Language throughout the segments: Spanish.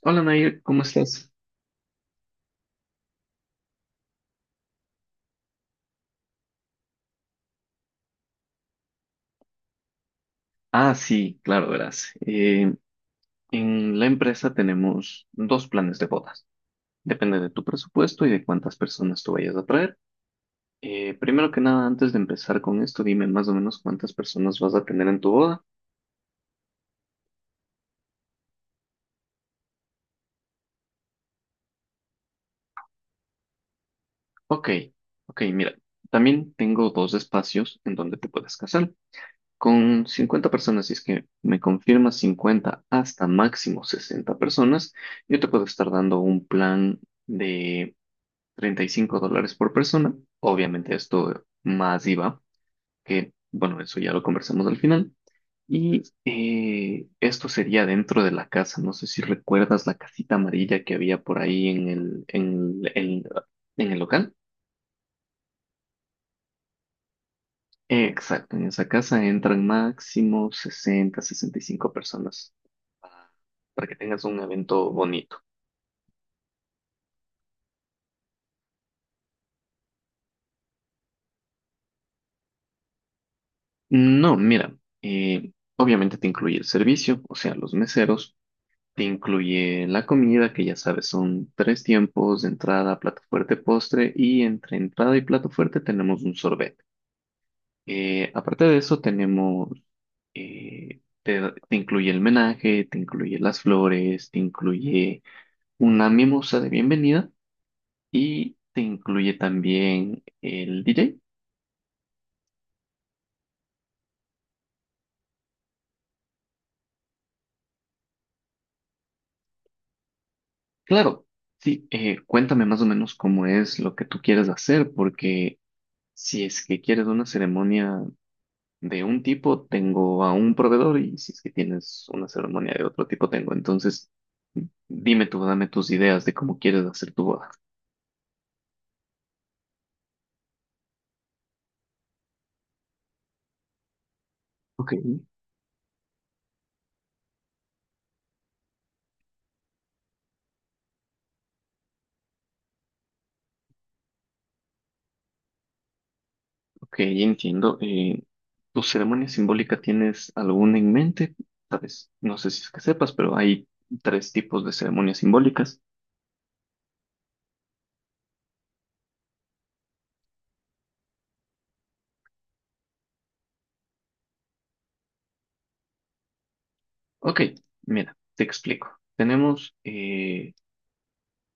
Hola Nair, ¿cómo estás? Ah, sí, claro, verás. En la empresa tenemos dos planes de bodas. Depende de tu presupuesto y de cuántas personas tú vayas a traer. Primero que nada, antes de empezar con esto, dime más o menos cuántas personas vas a tener en tu boda. Ok, ok, mira, también tengo dos espacios en donde te puedes casar. Con 50 personas, si es que me confirmas 50 hasta máximo 60 personas, yo te puedo estar dando un plan de $35 por persona. Obviamente esto más IVA, que bueno, eso ya lo conversamos al final. Y esto sería dentro de la casa. No sé si recuerdas la casita amarilla que había por ahí en el local. Exacto, en esa casa entran máximo 60, 65 personas para para que tengas un evento bonito. No, mira, obviamente te incluye el servicio, o sea, los meseros. Te incluye la comida, que ya sabes, son tres tiempos, entrada, plato fuerte, postre, y entre entrada y plato fuerte tenemos un sorbet. Aparte de eso, eh, te, te incluye el menaje, te incluye las flores, te incluye una mimosa de bienvenida y te incluye también el DJ. Claro, sí, cuéntame más o menos cómo es lo que tú quieres hacer, porque si es que quieres una ceremonia de un tipo tengo a un proveedor y si es que tienes una ceremonia de otro tipo tengo. Entonces, dime tú, dame tus ideas de cómo quieres hacer tu boda. Ok, ok, entiendo. ¿Tu ceremonia simbólica tienes alguna en mente? Sabes, no sé si es que sepas, pero hay tres tipos de ceremonias simbólicas. Ok, mira, te explico. Tenemos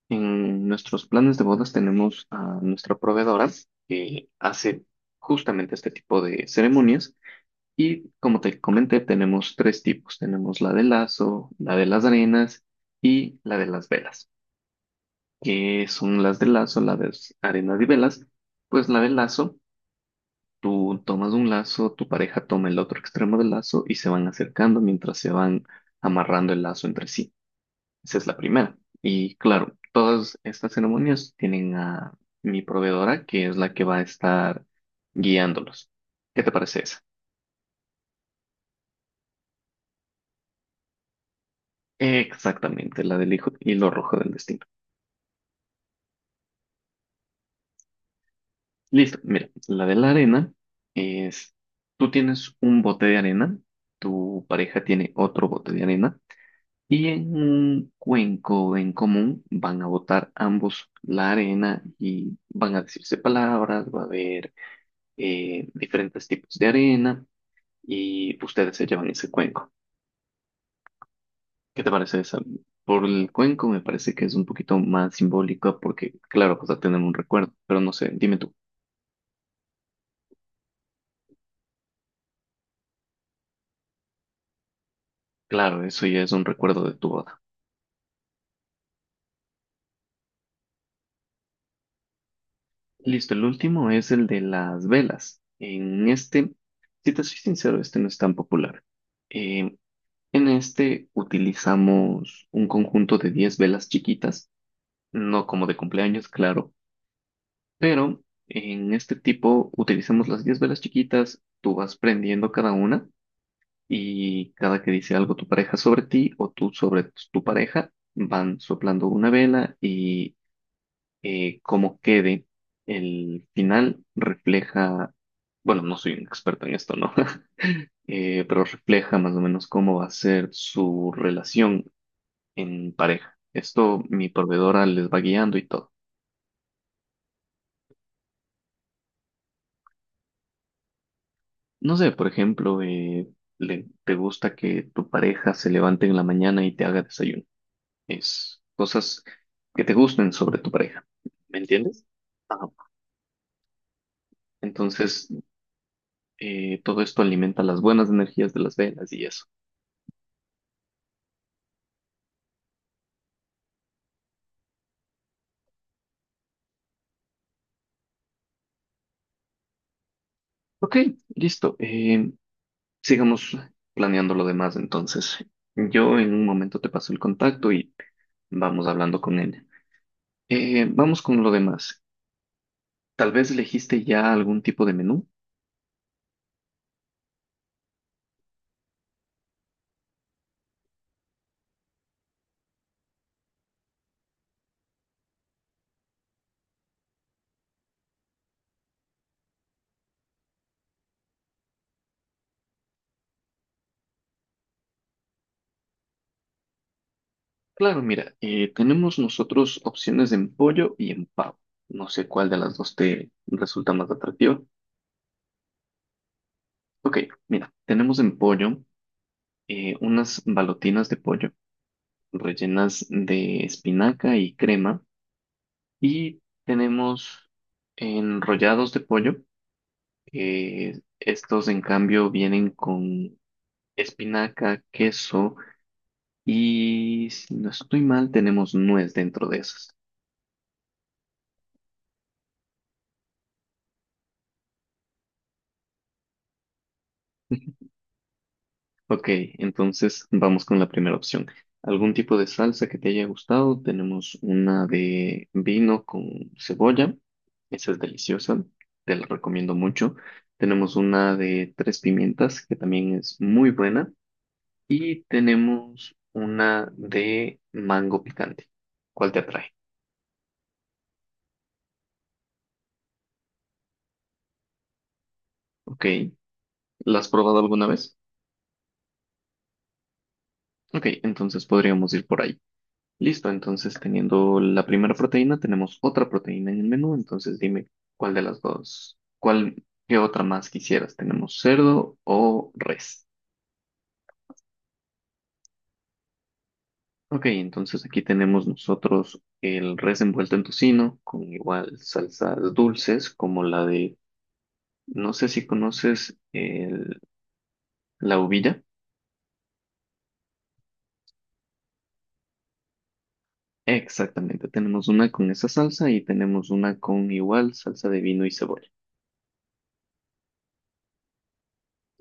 En nuestros planes de bodas tenemos a nuestra proveedora que hace justamente este tipo de ceremonias. Y como te comenté, tenemos tres tipos. Tenemos la de lazo, la de las arenas y la de las velas. ¿Qué son las de lazo, la de arenas y velas? Pues la de lazo, tú tomas un lazo, tu pareja toma el otro extremo del lazo y se van acercando mientras se van amarrando el lazo entre sí. Esa es la primera. Y claro, todas estas ceremonias tienen a mi proveedora, que es la que va a estar guiándolos. ¿Qué te parece esa? Exactamente, la del hilo rojo del destino. Listo, mira, la de la arena es, tú tienes un bote de arena, tu pareja tiene otro bote de arena y en un cuenco en común van a botar ambos la arena y van a decirse palabras, va a haber diferentes tipos de arena y ustedes se llevan ese cuenco. ¿Qué te parece esa? Por el cuenco me parece que es un poquito más simbólica porque, claro, pues a tener un recuerdo, pero no sé, dime tú. Claro, eso ya es un recuerdo de tu boda. Listo, el último es el de las velas. En este, si te soy sincero, este no es tan popular. Eh, en este utilizamos un conjunto de 10 velas chiquitas, no como de cumpleaños, claro, pero en este tipo utilizamos las 10 velas chiquitas, tú vas prendiendo cada una y cada que dice algo tu pareja sobre ti o tú sobre tu pareja, van soplando una vela y cómo quede el final refleja, bueno, no soy un experto en esto, ¿no? Pero refleja más o menos cómo va a ser su relación en pareja. Esto mi proveedora les va guiando y todo. No sé, por ejemplo, te gusta que tu pareja se levante en la mañana y te haga desayuno. Es cosas que te gusten sobre tu pareja. ¿Me entiendes? Ajá. Entonces, todo esto alimenta las buenas energías de las velas y eso. Ok, listo. Sigamos planeando lo demás entonces. Yo en un momento te paso el contacto y vamos hablando con él. Vamos con lo demás. Tal vez elegiste ya algún tipo de menú. Claro, mira, tenemos nosotros opciones en pollo y en pavo. No sé cuál de las dos te resulta más atractiva. Ok, mira, tenemos en pollo unas balotinas de pollo rellenas de espinaca y crema. Y tenemos enrollados de pollo, que estos en cambio vienen con espinaca, queso y si no estoy mal, tenemos nuez dentro de esas. Ok, entonces vamos con la primera opción. ¿Algún tipo de salsa que te haya gustado? Tenemos una de vino con cebolla. Esa es deliciosa, te la recomiendo mucho. Tenemos una de tres pimientas que también es muy buena. Y tenemos una de mango picante. ¿Cuál te atrae? Ok. ¿La has probado alguna vez? Ok, entonces podríamos ir por ahí. Listo, entonces teniendo la primera proteína, tenemos otra proteína en el menú. Entonces dime cuál de las dos, cuál, qué otra más quisieras. ¿Tenemos cerdo o res? Ok, entonces aquí tenemos nosotros el res envuelto en tocino con igual salsas dulces como la de, no sé si conoces la uvilla. Exactamente, tenemos una con esa salsa y tenemos una con igual salsa de vino y cebolla.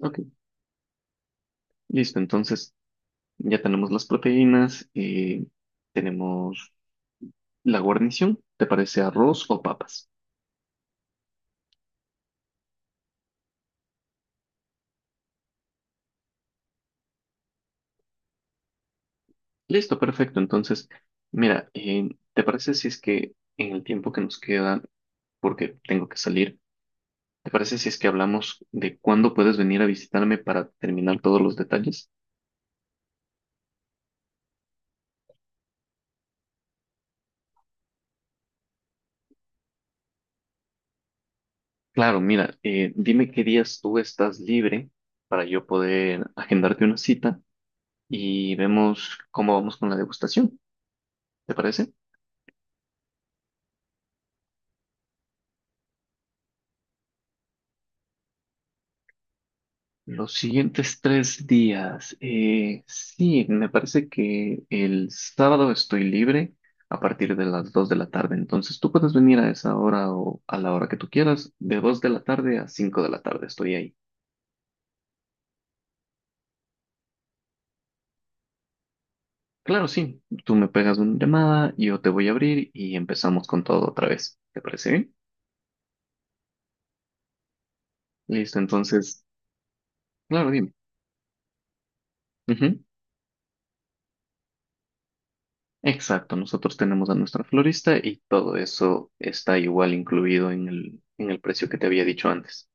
Ok, listo, entonces ya tenemos las proteínas, tenemos la guarnición, ¿te parece arroz o papas? Listo, perfecto, entonces mira, ¿te parece si es que en el tiempo que nos queda, porque tengo que salir, ¿te parece si es que hablamos de cuándo puedes venir a visitarme para terminar todos los detalles? Claro, mira, dime qué días tú estás libre para yo poder agendarte una cita y vemos cómo vamos con la degustación. ¿Te parece? Los siguientes tres días. Sí, me parece que el sábado estoy libre a partir de las 2 de la tarde. Entonces tú puedes venir a esa hora o a la hora que tú quieras. De dos de la tarde a 5 de la tarde estoy ahí. Claro, sí. Tú me pegas una llamada, yo te voy a abrir y empezamos con todo otra vez. ¿Te parece bien? Listo, entonces, claro, dime. Ujú. Exacto, nosotros tenemos a nuestra florista y todo eso está igual incluido en el precio que te había dicho antes.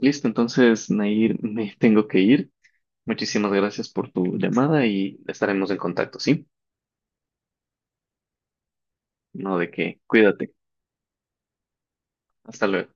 Listo, entonces, Nair, me tengo que ir. Muchísimas gracias por tu llamada y estaremos en contacto, ¿sí? No de qué, cuídate. Hasta luego.